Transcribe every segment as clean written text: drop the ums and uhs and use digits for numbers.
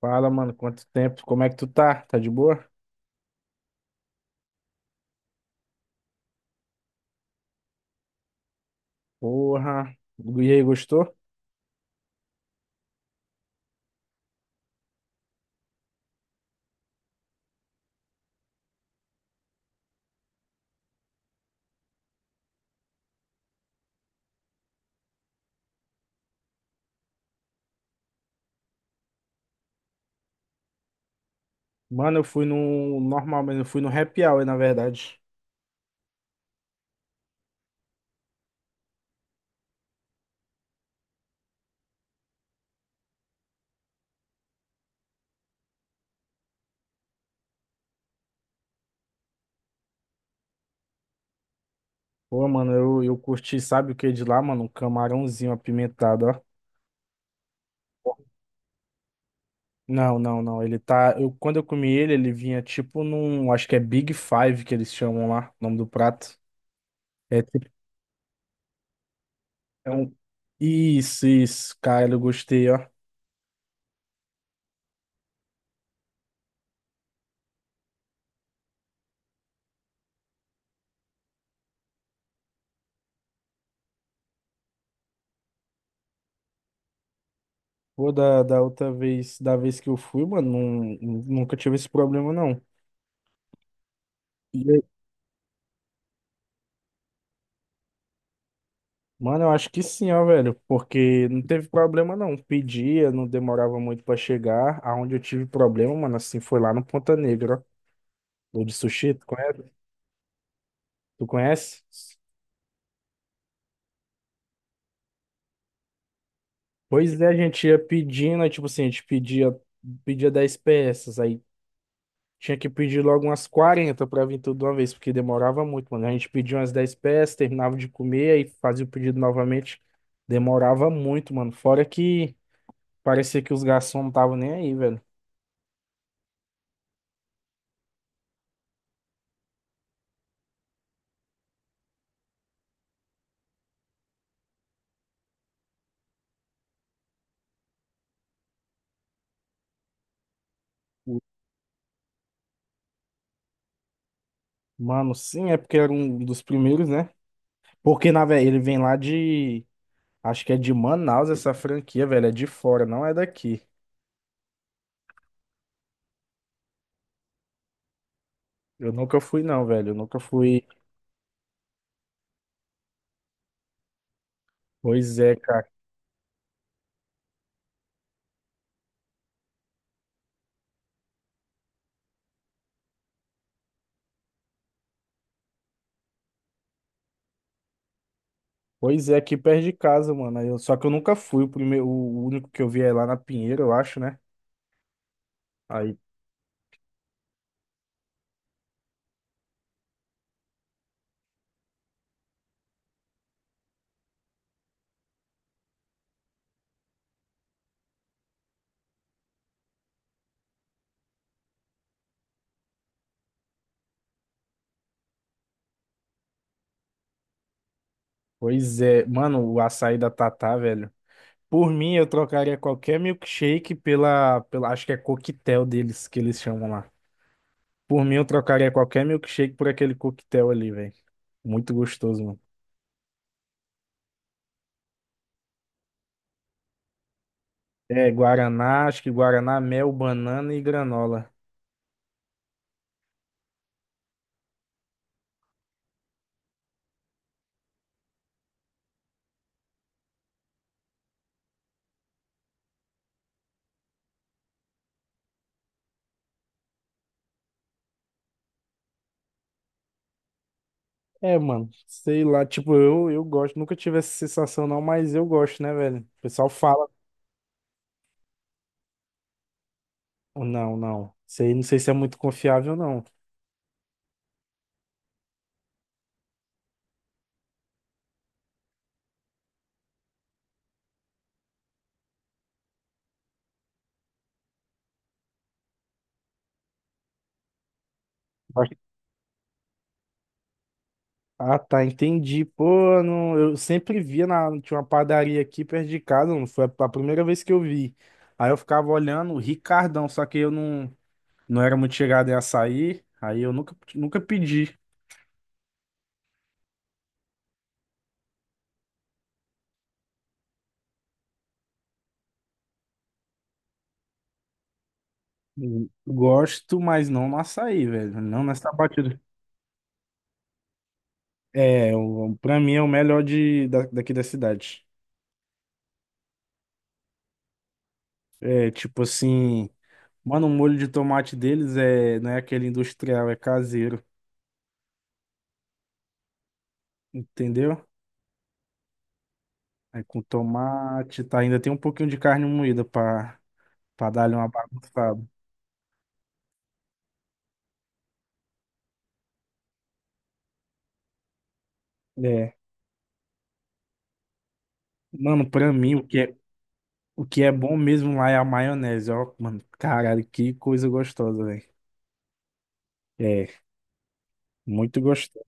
Fala, mano, quanto tempo? Como é que tu tá? Tá de boa? Porra. E aí, gostou? Mano, eu fui no normal, mas eu fui no happy hour, na verdade. Pô, mano, eu curti, sabe o que de lá, mano? Um camarãozinho apimentado, ó. Não, não, não. Ele tá. Eu, quando eu comi ele, ele vinha tipo num. Acho que é Big Five que eles chamam lá, o nome do prato. É tipo. É um... Isso, cara, eu gostei, ó. Pô, da outra vez, da vez que eu fui, mano, não, nunca tive esse problema, não. Mano, eu acho que sim, ó, velho, porque não teve problema não. Pedia, não demorava muito pra chegar. Aonde eu tive problema, mano, assim, foi lá no Ponta Negra, ó. O de sushi, tu conhece? Tu conhece? Pois é, a gente ia pedindo, aí, tipo assim, pedia 10 peças, aí tinha que pedir logo umas 40 pra vir tudo de uma vez, porque demorava muito, mano. A gente pedia umas 10 peças, terminava de comer, aí fazia o pedido novamente. Demorava muito, mano. Fora que parecia que os garçons não estavam nem aí, velho. Mano, sim, é porque era um dos primeiros, né? Porque, na verdade, ele vem lá de. Acho que é de Manaus essa franquia, velho. É de fora, não é daqui. Eu nunca fui, não, velho. Eu nunca fui. Pois é, cara. Pois é, aqui perto de casa, mano. Só que eu nunca fui. O primeiro, o único que eu vi é lá na Pinheiro, eu acho, né? Aí, pois é. Mano, o açaí da Tatá, velho. Por mim, eu trocaria qualquer milkshake pela. Acho que é coquetel deles que eles chamam lá. Por mim, eu trocaria qualquer milkshake por aquele coquetel ali, velho. Muito gostoso, mano. É, guaraná, acho que guaraná, mel, banana e granola. É, mano, sei lá, tipo, eu gosto, nunca tive essa sensação não, mas eu gosto, né, velho? O pessoal fala, não, não, sei, não sei se é muito confiável, não. Mas- Ah, tá, entendi, pô, não, eu sempre via, na, tinha uma padaria aqui perto de casa, não foi a primeira vez que eu vi. Aí eu ficava olhando o Ricardão, só que eu não, não era muito chegado em açaí, aí eu nunca pedi. Gosto, mas não no açaí, velho. Não nessa batida. É, o, pra mim é o melhor daqui da cidade. É, tipo assim, mano, o molho de tomate deles é, não é aquele industrial, é caseiro, entendeu? É com tomate, tá? Ainda tem um pouquinho de carne moída pra, pra dar-lhe uma bagunçada. É. Mano, pra mim, o que é bom mesmo lá é a maionese, ó. Mano, caralho, que coisa gostosa, velho. É, muito gostoso.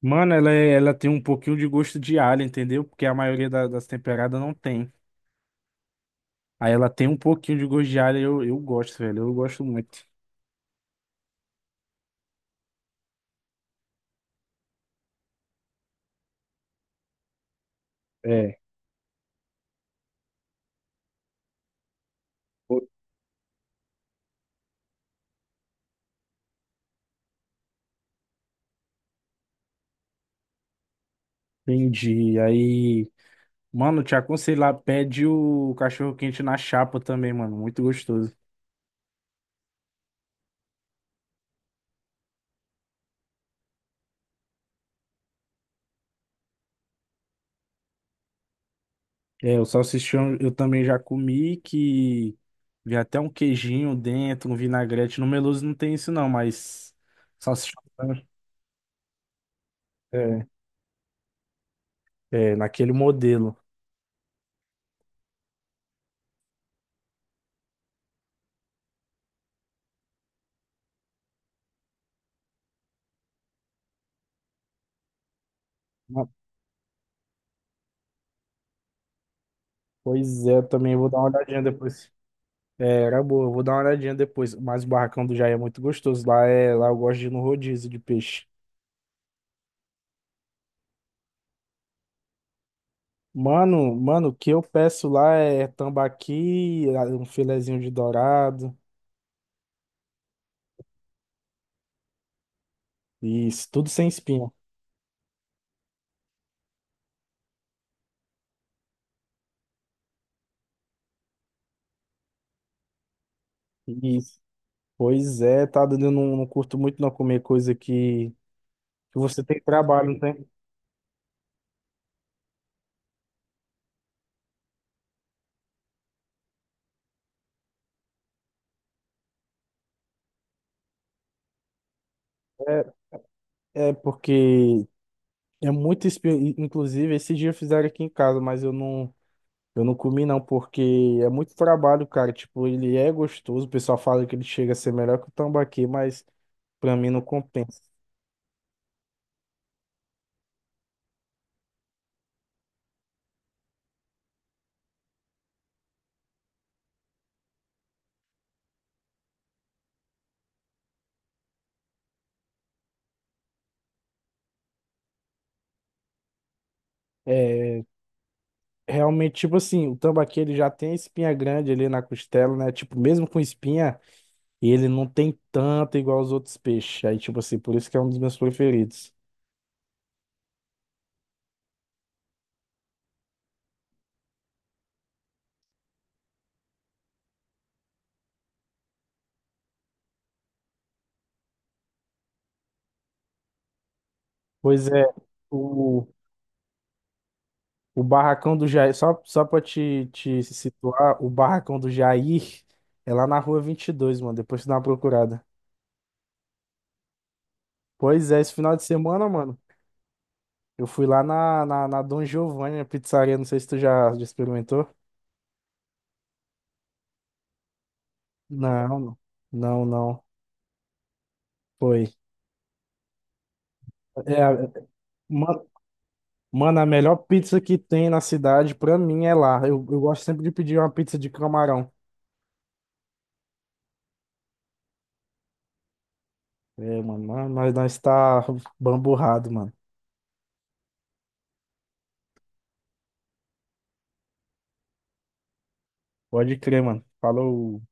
Mano, ela, ela tem um pouquinho de gosto de alho, entendeu? Porque a maioria das temperadas não tem. Aí ela tem um pouquinho de gosto de alho, eu gosto, velho. Eu gosto muito. É. o- Entendi. Aí, mano, te aconselho lá, pede o cachorro quente na chapa também, mano. Muito gostoso. É, o salsichão eu também já comi, que vi até um queijinho dentro, um vinagrete. No Meloso não tem isso não, mas salsichão né? É, é naquele modelo. Mas, pois é, também vou dar uma olhadinha depois. É, era boa, eu vou dar uma olhadinha depois. Mas o barracão do Jair é muito gostoso. Lá, é, lá eu gosto de ir no rodízio de peixe. Mano, o que eu peço lá é tambaqui, um filezinho de dourado. Isso, tudo sem espinha. Isso. Pois é, tá dando. Eu não, não curto muito não comer coisa que você tem trabalho, não tem? É, é porque é muito espinha. Inclusive, esse dia fizeram aqui em casa, mas eu não. Eu não comi não, porque é muito trabalho, cara. Tipo, ele é gostoso. O pessoal fala que ele chega a ser melhor que o tambaqui, mas pra mim não compensa. É, realmente, tipo assim, o tambaqui ele já tem a espinha grande ali na costela, né? Tipo, mesmo com espinha, ele não tem tanta igual os outros peixes. Aí, tipo assim, por isso que é um dos meus preferidos. Pois é, o, o barracão do Jair, só pra te situar, o barracão do Jair é lá na rua 22, mano. Depois tu dá uma procurada. Pois é, esse final de semana, mano, eu fui lá na Dom Giovanni, a pizzaria, não sei se tu já experimentou. Não, não, não, não, foi. É, ma- mano, a melhor pizza que tem na cidade, pra mim, é lá. Eu gosto sempre de pedir uma pizza de camarão. É, mano, nós tá bamburrado, mano. Pode crer, mano. Falou.